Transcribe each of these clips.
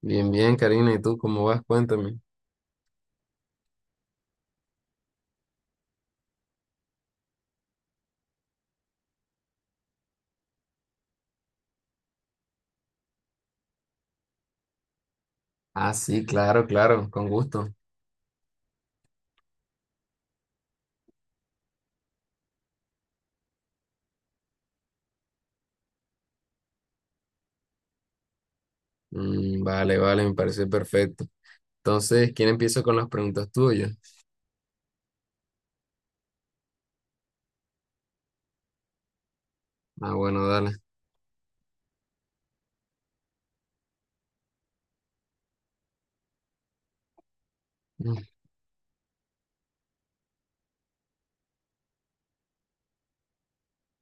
Bien, bien, Karina, ¿y tú cómo vas? Cuéntame. Ah, sí, claro, claro, con gusto. Vale, vale, me parece perfecto. Entonces, ¿quién empieza con las preguntas tuyas? Ah, bueno, dale. Mm,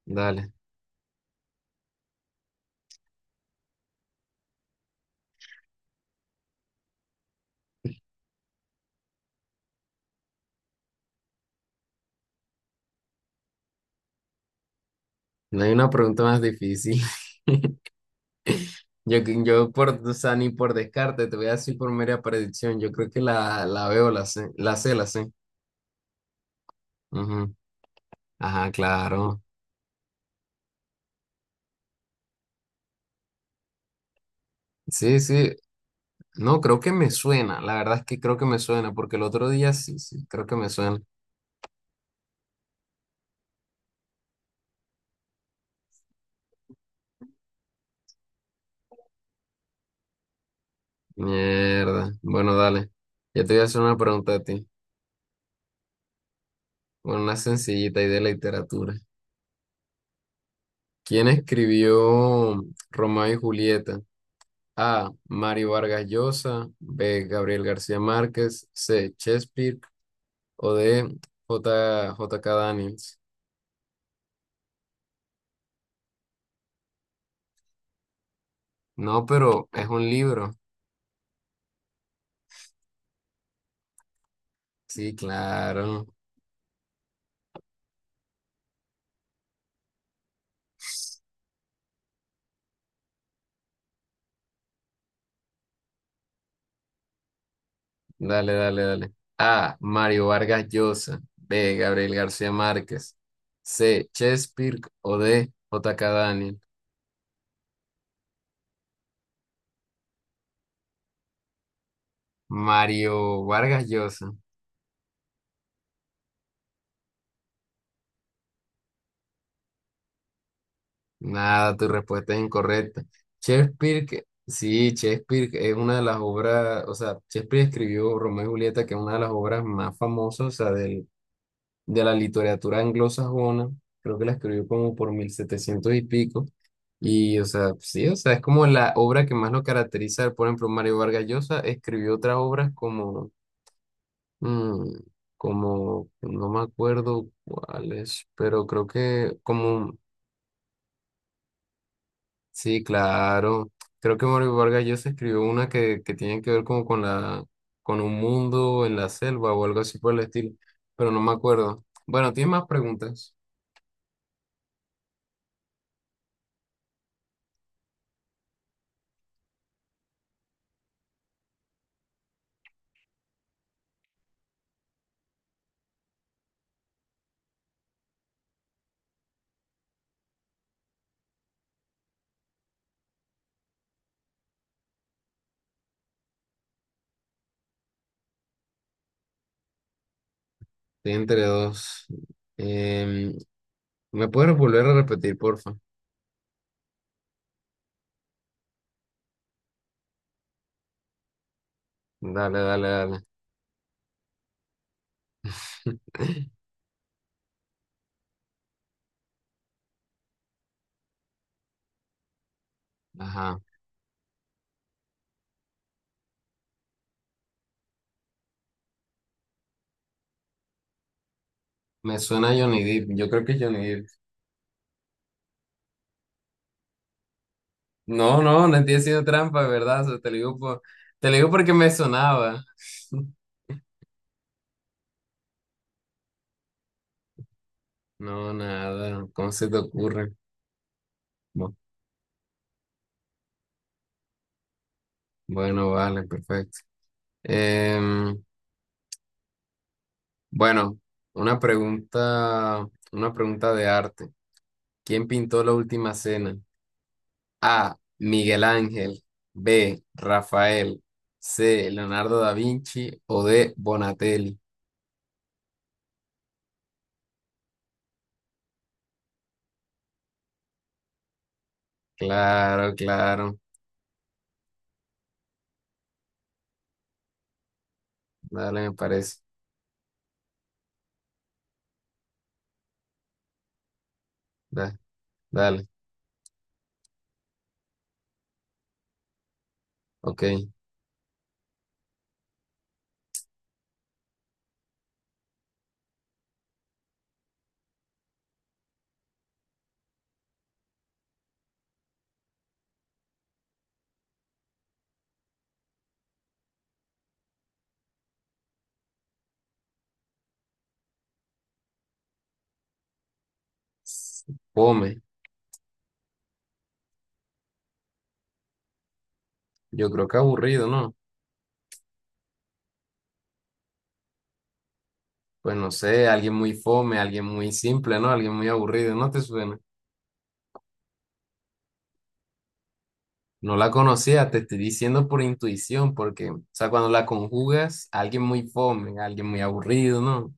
Dale. No hay una pregunta más difícil. Yo, que- yo por, O sea, ni por descarte, te voy a decir por mera predicción. Yo creo que la veo, la sé, la sé, la sé. Ujú. Ajá, claro. Sí, sí. No, creo que me suena. La verdad es que creo que me suena, porque el otro día sí, sí, creo que me suena. Mierda. Bueno, dale. Yo te voy a hacer una pregunta a ti. Bueno, una sencillita y de literatura. ¿Quién escribió Romeo y Julieta? A. Mario Vargas Llosa. B. Gabriel García Márquez. C. Shakespeare. O D. J. J. K. Daniels. No, pero es un libro. Sí, claro. Dale, dale, dale. A. Mario Vargas Llosa. B. Gabriel García Márquez. C. Shakespeare. O D. J. K. Daniels. Mario Vargas Llosa. Nada, tu respuesta es incorrecta. Shakespeare, sí, Shakespeare es una de las obras, o sea, Shakespeare escribió Romeo y Julieta, que es una de las obras más famosas, o sea, de la literatura anglosajona. Creo que la escribió como por 1700 y pico. Y, o sea, sí, o sea, es como la obra que más lo caracteriza. Por ejemplo, Mario Vargas Llosa escribió otras obras como, mm, no me acuerdo cuáles, pero creo que como. Sí, claro. Creo que Mario Vargas Llosa escribió una que tiene que ver como con un mundo en la selva o algo así por el estilo, pero no me acuerdo. Bueno, ¿tienes más preguntas? Estoy entre dos. Em, ¿Me puedes volver a repetir, porfa? Dale, dale, dale. Ajá. Me suena a Johnny Depp. Yo creo que es Johnny Depp. No, no, no estoy haciendo trampa, de ¿verdad? O sea, te lo digo porque me sonaba. No, nada. ¿Cómo se te ocurre? Bueno. Bueno, vale, perfecto. Em, bueno, una pregunta, una pregunta de arte. ¿Quién pintó la última cena? A. Miguel Ángel. B. Rafael. C. Leonardo da Vinci. O D. Bonatelli. Claro, claro. Dale, me parece. Da- Dale, ok. Fome. Yo creo que aburrido, ¿no? Pues no sé, alguien muy fome, alguien muy simple, ¿no? Alguien muy aburrido, ¿no te suena? No la conocía, te estoy diciendo por intuición, porque, o sea, cuando la conjugas, alguien muy fome, alguien muy aburrido, ¿no?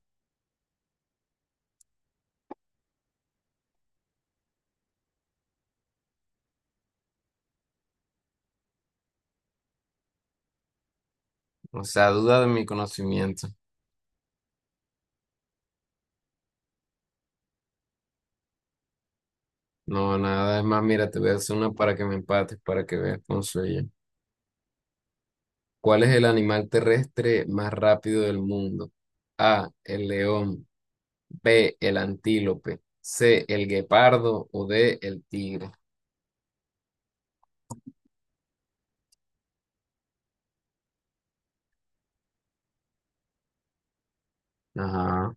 O sea, duda de mi conocimiento. No, nada, es más, mira, te voy a hacer una para que me empates, para que veas con sueño. ¿Cuál es el animal terrestre más rápido del mundo? A, el león, B, el antílope, C, el guepardo o D, el tigre. Ajá.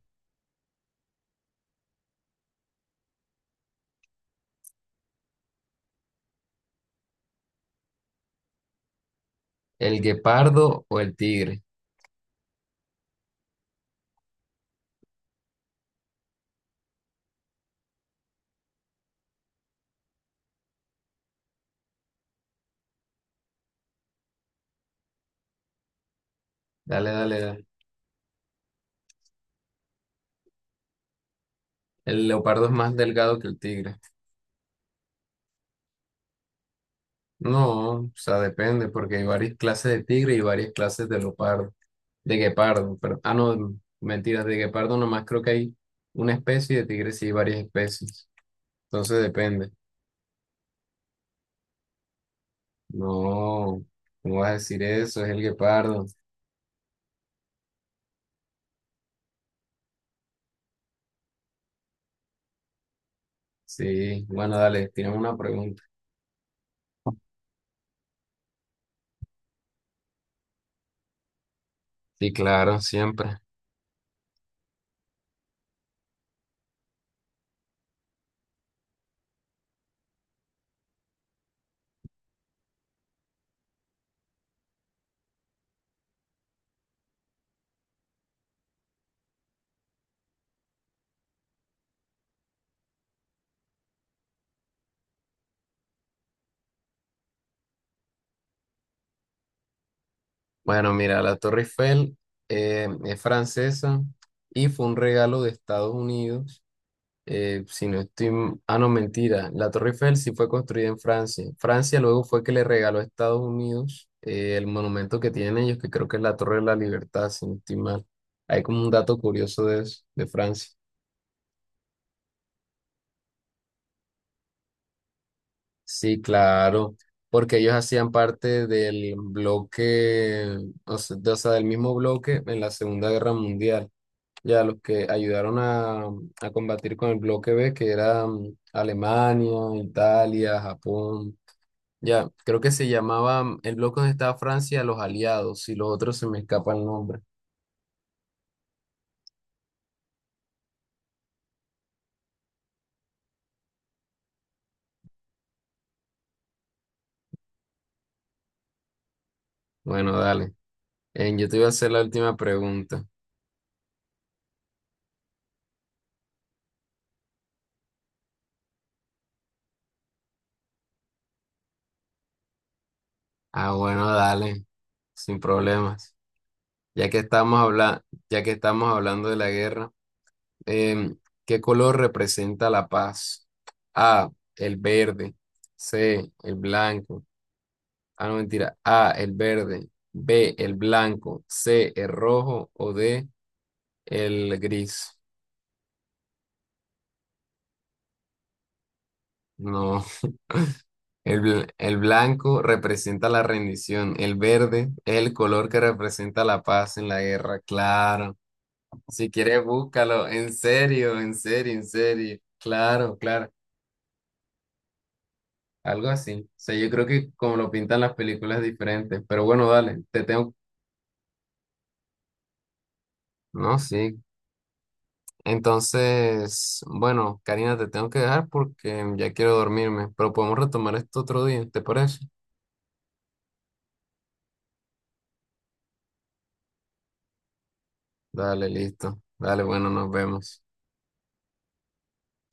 ¿El guepardo o el tigre? Dale, dale, dale. El leopardo es más delgado que el tigre. No, o sea, depende, porque hay varias clases de tigre y varias clases de leopardo, de guepardo, pero, ah, no, mentiras, de guepardo nomás creo que hay una especie y de tigre sí hay varias especies, entonces depende. No, ¿cómo vas a decir eso? Es el guepardo. Sí, bueno, dale, tienes una pregunta. Sí, claro, siempre. Bueno, mira, la Torre Eiffel es francesa y fue un regalo de Estados Unidos. Si no estoy. Ah, no, mentira. La Torre Eiffel sí fue construida en Francia. Francia luego fue que le regaló a Estados Unidos el monumento que tienen ellos, que creo que es la Torre de la Libertad, si no estoy mal. Hay como un dato curioso de eso, de Francia. Sí, claro, porque ellos hacían parte del bloque, o sea, del mismo bloque en la Segunda Guerra Mundial. Ya los que ayudaron a combatir con el bloque B, que era Alemania, Italia, Japón. Ya, creo que se llamaba el bloque donde estaba Francia, los aliados, y los otros se me escapa el nombre. Bueno, dale. Yo te iba a hacer la última pregunta. Ah, bueno, dale, sin problemas. Ya que estamos hablando de la guerra, em, ¿qué color representa la paz? A, el verde. C, el blanco. Ah, no, mentira. A, el verde. B, el blanco. C, el rojo. O D, el gris. No. El blanco representa la rendición, el verde es el color que representa la paz en la guerra, claro. Si quieres, búscalo, en serio, en serio, en serio, claro, claro, algo así. O sea, yo creo que como lo pintan las películas es diferente, pero bueno, dale, te tengo, no, sí. Entonces, bueno, Karina, te tengo que dejar porque ya quiero dormirme, pero podemos retomar esto otro día, ¿te parece? Dale, listo. Dale, bueno, nos vemos.